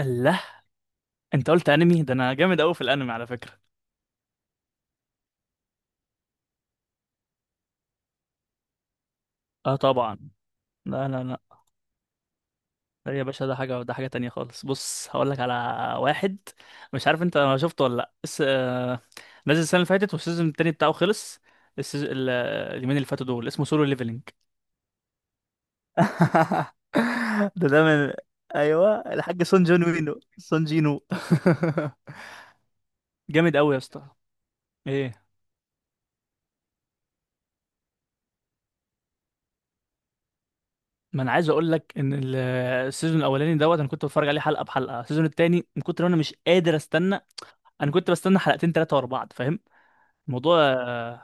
الله. انت قلت انمي، ده انا جامد قوي في الانمي على فكرة. اه، طبعا. لا، لا، لا. ده يا باشا، ده حاجة تانية خالص. بص هقول لك على واحد، مش عارف انت شفته ولا لا، بس نزل السنة اللي فاتت والسيزون التاني بتاعه خلص. اليومين اللي فاتوا دول اسمه سولو ليفلينج. ده ايوه، الحاج سون جون وينو سون جينو. جامد قوي يا اسطى. ايه؟ ما انا عايز اقول لك ان السيزون الاولاني دوت انا كنت بتفرج عليه حلقه بحلقه، السيزون التاني من كتر ما انا مش قادر استنى، انا كنت بستنى حلقتين ثلاثه ورا بعض فاهم الموضوع؟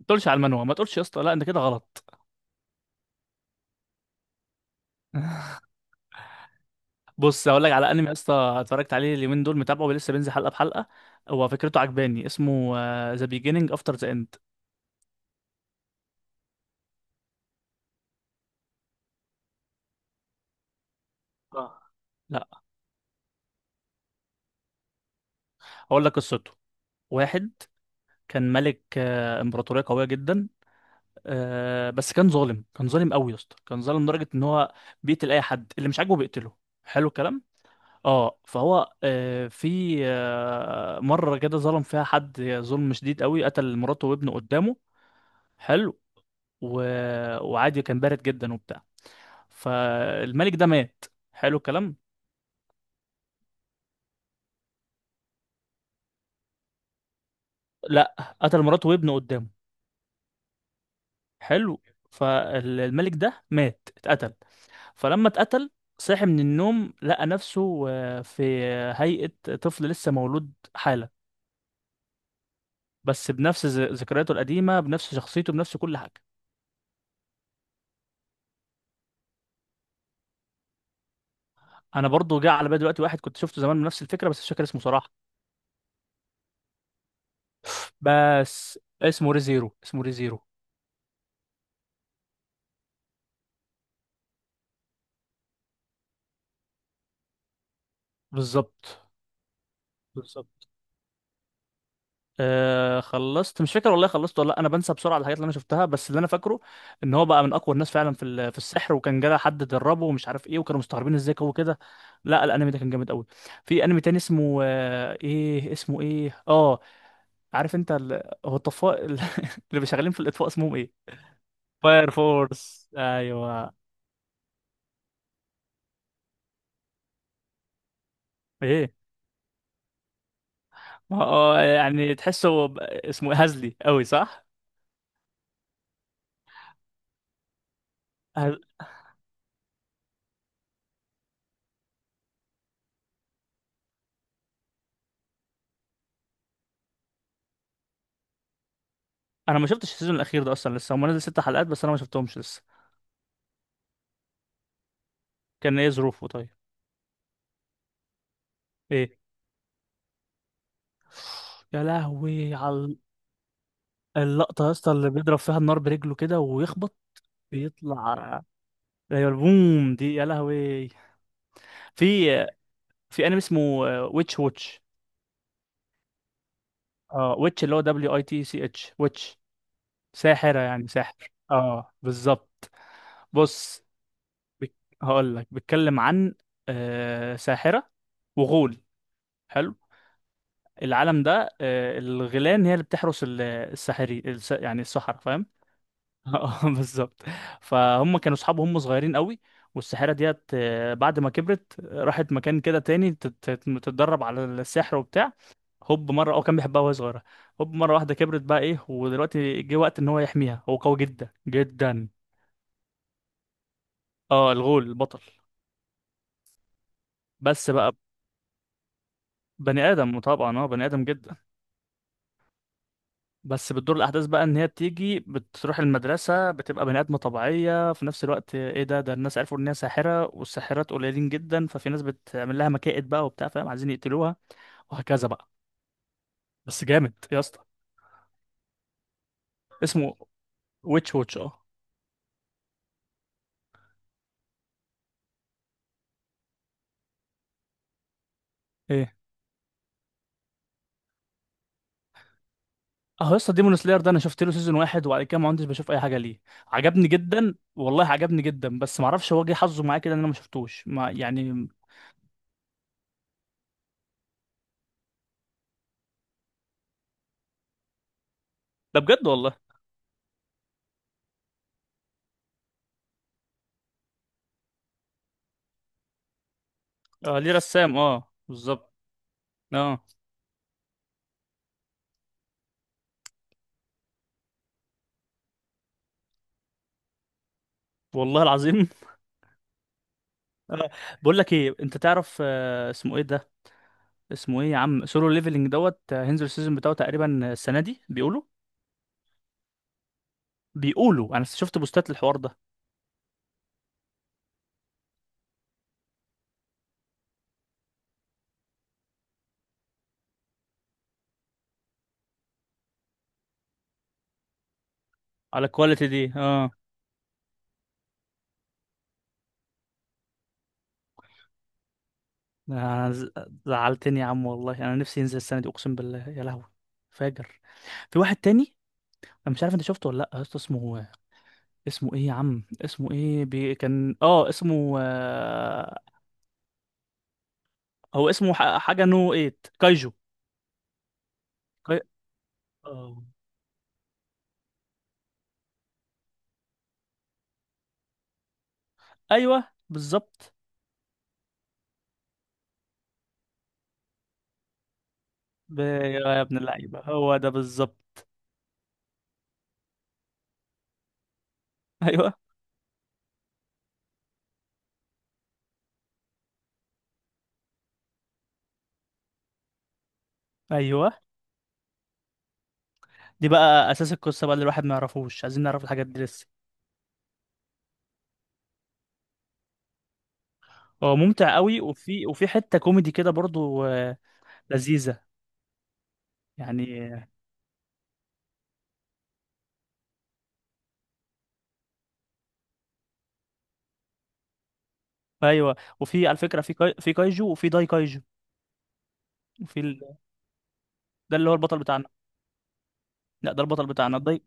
ما تقولش على المنوع، ما تقولش يا اسطى، لا انت كده غلط. بص هقول لك على انمي يا اسطى، اتفرجت عليه اليومين دول متابعه ولسه بينزل حلقه بحلقه. هو فكرته عجباني، اسمه ذا بيجيننج افتر ذا اند. لا، هقول لك قصته. واحد كان ملك امبراطوريه قويه جدا، بس كان ظالم، كان ظالم قوي يا اسطى، كان ظالم لدرجه ان هو بيقتل اي حد اللي مش عاجبه، بيقتله. حلو الكلام. اه، فهو في مره كده ظلم فيها حد ظلم شديد قوي، قتل مراته وابنه قدامه. حلو. و... وعادي، كان بارد جدا وبتاع. فالملك ده مات. حلو الكلام. لا، قتل مراته وابنه قدامه. حلو. فالملك ده مات، اتقتل. فلما اتقتل، صاح من النوم لقى نفسه في هيئة طفل لسه مولود حالا، بس بنفس ذكرياته القديمة، بنفس شخصيته، بنفس كل حاجة. انا برضو جه على بالي دلوقتي واحد كنت شفته زمان بنفس الفكرة، بس مش فاكر اسمه صراحة. بس اسمه ريزيرو، اسمه ريزيرو. بالظبط. بالظبط. آه، خلصت مش فاكر والله، خلصت ولا لا، انا بنسى بسرعه الحاجات اللي انا شفتها، بس اللي انا فاكره ان هو بقى من اقوى الناس فعلا في في السحر، وكان جاله حد دربه ومش عارف ايه، وكانوا مستغربين ازاي هو كده. لا الانمي ده كان جامد قوي. في انمي تاني اسمه ايه اسمه ايه عارف انت هو الطفاء اللي بيشغالين في الاطفاء اسمهم ايه؟ فاير فورس، ايوه. ايه؟ ما هو يعني تحسه اسمه إيه؟ هزلي قوي صح؟ هز... انا ما شفتش السيزون الاخير ده اصلا، لسه هم نزل ست حلقات بس، انا ما شفتهمش لسه. كان ايه ظروفه طيب؟ إيه؟ يا لهوي على اللقطة يا اسطى اللي بيضرب فيها النار برجله كده ويخبط. بيطلع. ايوه البوم دي، يا لهوي. في في انمي اسمه ويتش واتش. اه، ويتش اللي هو Witch، ويتش. ساحرة يعني ساحر، اه بالظبط. بص، بك... هقول لك بيتكلم عن ساحرة وغول. حلو. العالم ده الغيلان هي اللي بتحرس الساحري يعني السحرة فاهم. اه بالظبط. فهم كانوا اصحاب وهم صغيرين قوي، والساحره ديت بعد ما كبرت راحت مكان كده تاني تتدرب على السحر وبتاع. هوب مره، اه كان بيحبها وهي صغيره. هوب مره واحده كبرت بقى ايه، ودلوقتي جه وقت ان هو يحميها، هو قوي جدا جدا. اه الغول البطل. بس بقى بني ادم طبعا، اه بني ادم جدا. بس بتدور الاحداث بقى ان هي بتيجي بتروح المدرسه، بتبقى بني ادمه طبيعيه في نفس الوقت، ايه ده، ده الناس عرفوا ان هي ساحره، والساحرات قليلين جدا، ففي ناس بتعمل لها مكائد بقى وبتاع فاهم، عايزين يقتلوها. وهكذا بقى. بس جامد يا اسطى. اسمه ويتش ووتش، اه. ايه؟ اه يا اسطى ديمون سلاير ده انا شفت له سيزون واحد، وبعد كده ما عدتش بشوف اي حاجه ليه. عجبني جدا والله، عجبني جدا، بس ما اعرفش هو جه حظه معايا كده ان انا ما شفتوش ما يعني. ده بجد والله. اه ليه رسام، اه بالظبط. اه. والله العظيم. آه، بقول لك ايه، انت تعرف اسمه ايه ده؟ اسمه ايه يا عم؟ سولو ليفلنج دوت هينزل السيزون بتاعه تقريبا السنه دي بيقولوا. بيقولوا، انا شفت بوستات الحوار ده. على الكواليتي دي، اه. أنا زعلتني يا عم والله، انا نفسي ينزل السنه دي اقسم بالله، يا لهوي. فاجر. في واحد تاني، انا مش عارف انت شفته ولا لا يا اسطى، اسمه، اسمه ايه يا عم؟ اسمه ايه؟ كان، اه اسمه هو اسمه حاجه نو 8 كايجو. كاي... آه. ايوه بالظبط. ب- يا ابن اللعيبة هو ده بالظبط. ايوه ايوه. دي بقى اساس القصة بقى اللي الواحد ما يعرفوش، عايزين نعرف الحاجات دي لسه. هو ممتع قوي، وفي حتة كوميدي كده برضو لذيذة. يعني ايوه. وفي على فكرة في كايجو، وفي داي كايجو. وفي ده اللي هو البطل بتاعنا. لا ده البطل بتاعنا داي.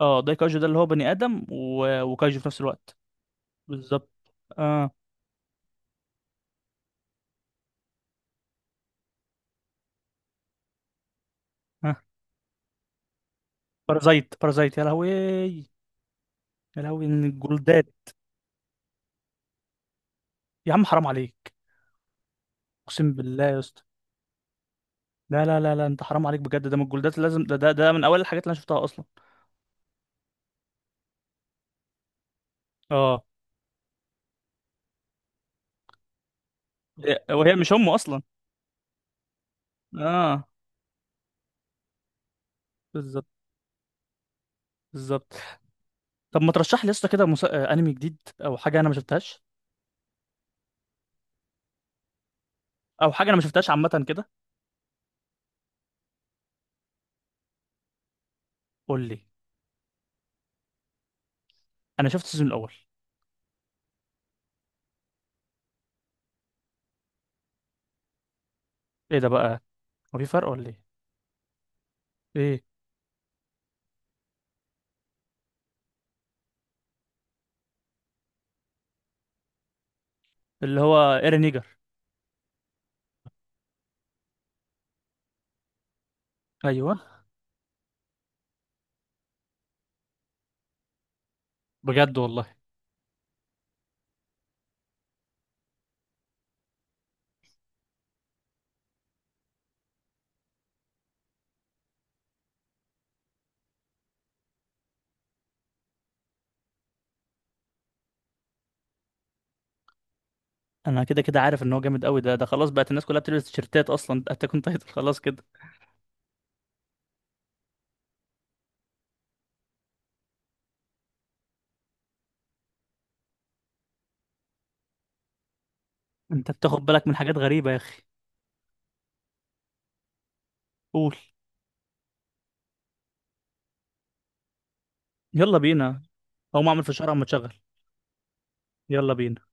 اه داي كايجو ده اللي هو بني آدم و... وكايجو في نفس الوقت. بالظبط. اه. اه. بارازايت، بارازايت، يا لهوي، يا لهوي من الجلدان. يا عم حرام عليك. اقسم بالله يا اسطى. لا لا لا لا، انت حرام عليك بجد، ده من الجولدات لازم، ده من اول الحاجات اللي انا شفتها اصلا. اه وهي مش امه اصلا. اه بالظبط. بالظبط. طب ما ترشح لي يا اسطى كده، انمي جديد او حاجه انا ما شفتهاش، او حاجه انا ما شفتهاش عامه كده. قول لي. انا شفت السيزون الاول. ايه ده بقى؟ هو في فرق ولا ايه؟ ايه؟ اللي هو ايرين نيجر. ايوه. بجد والله. انا كده كده عارف ان هو جامد قوي ده خلاص، بقت الناس كلها بتلبس تيشيرتات اصلا اتاك اون تايتل، خلاص كده. انت بتاخد بالك من حاجات غريبه يا اخي. قول. يلا بينا. هو ما اعمل في الشارع اما تشغل. يلا بينا.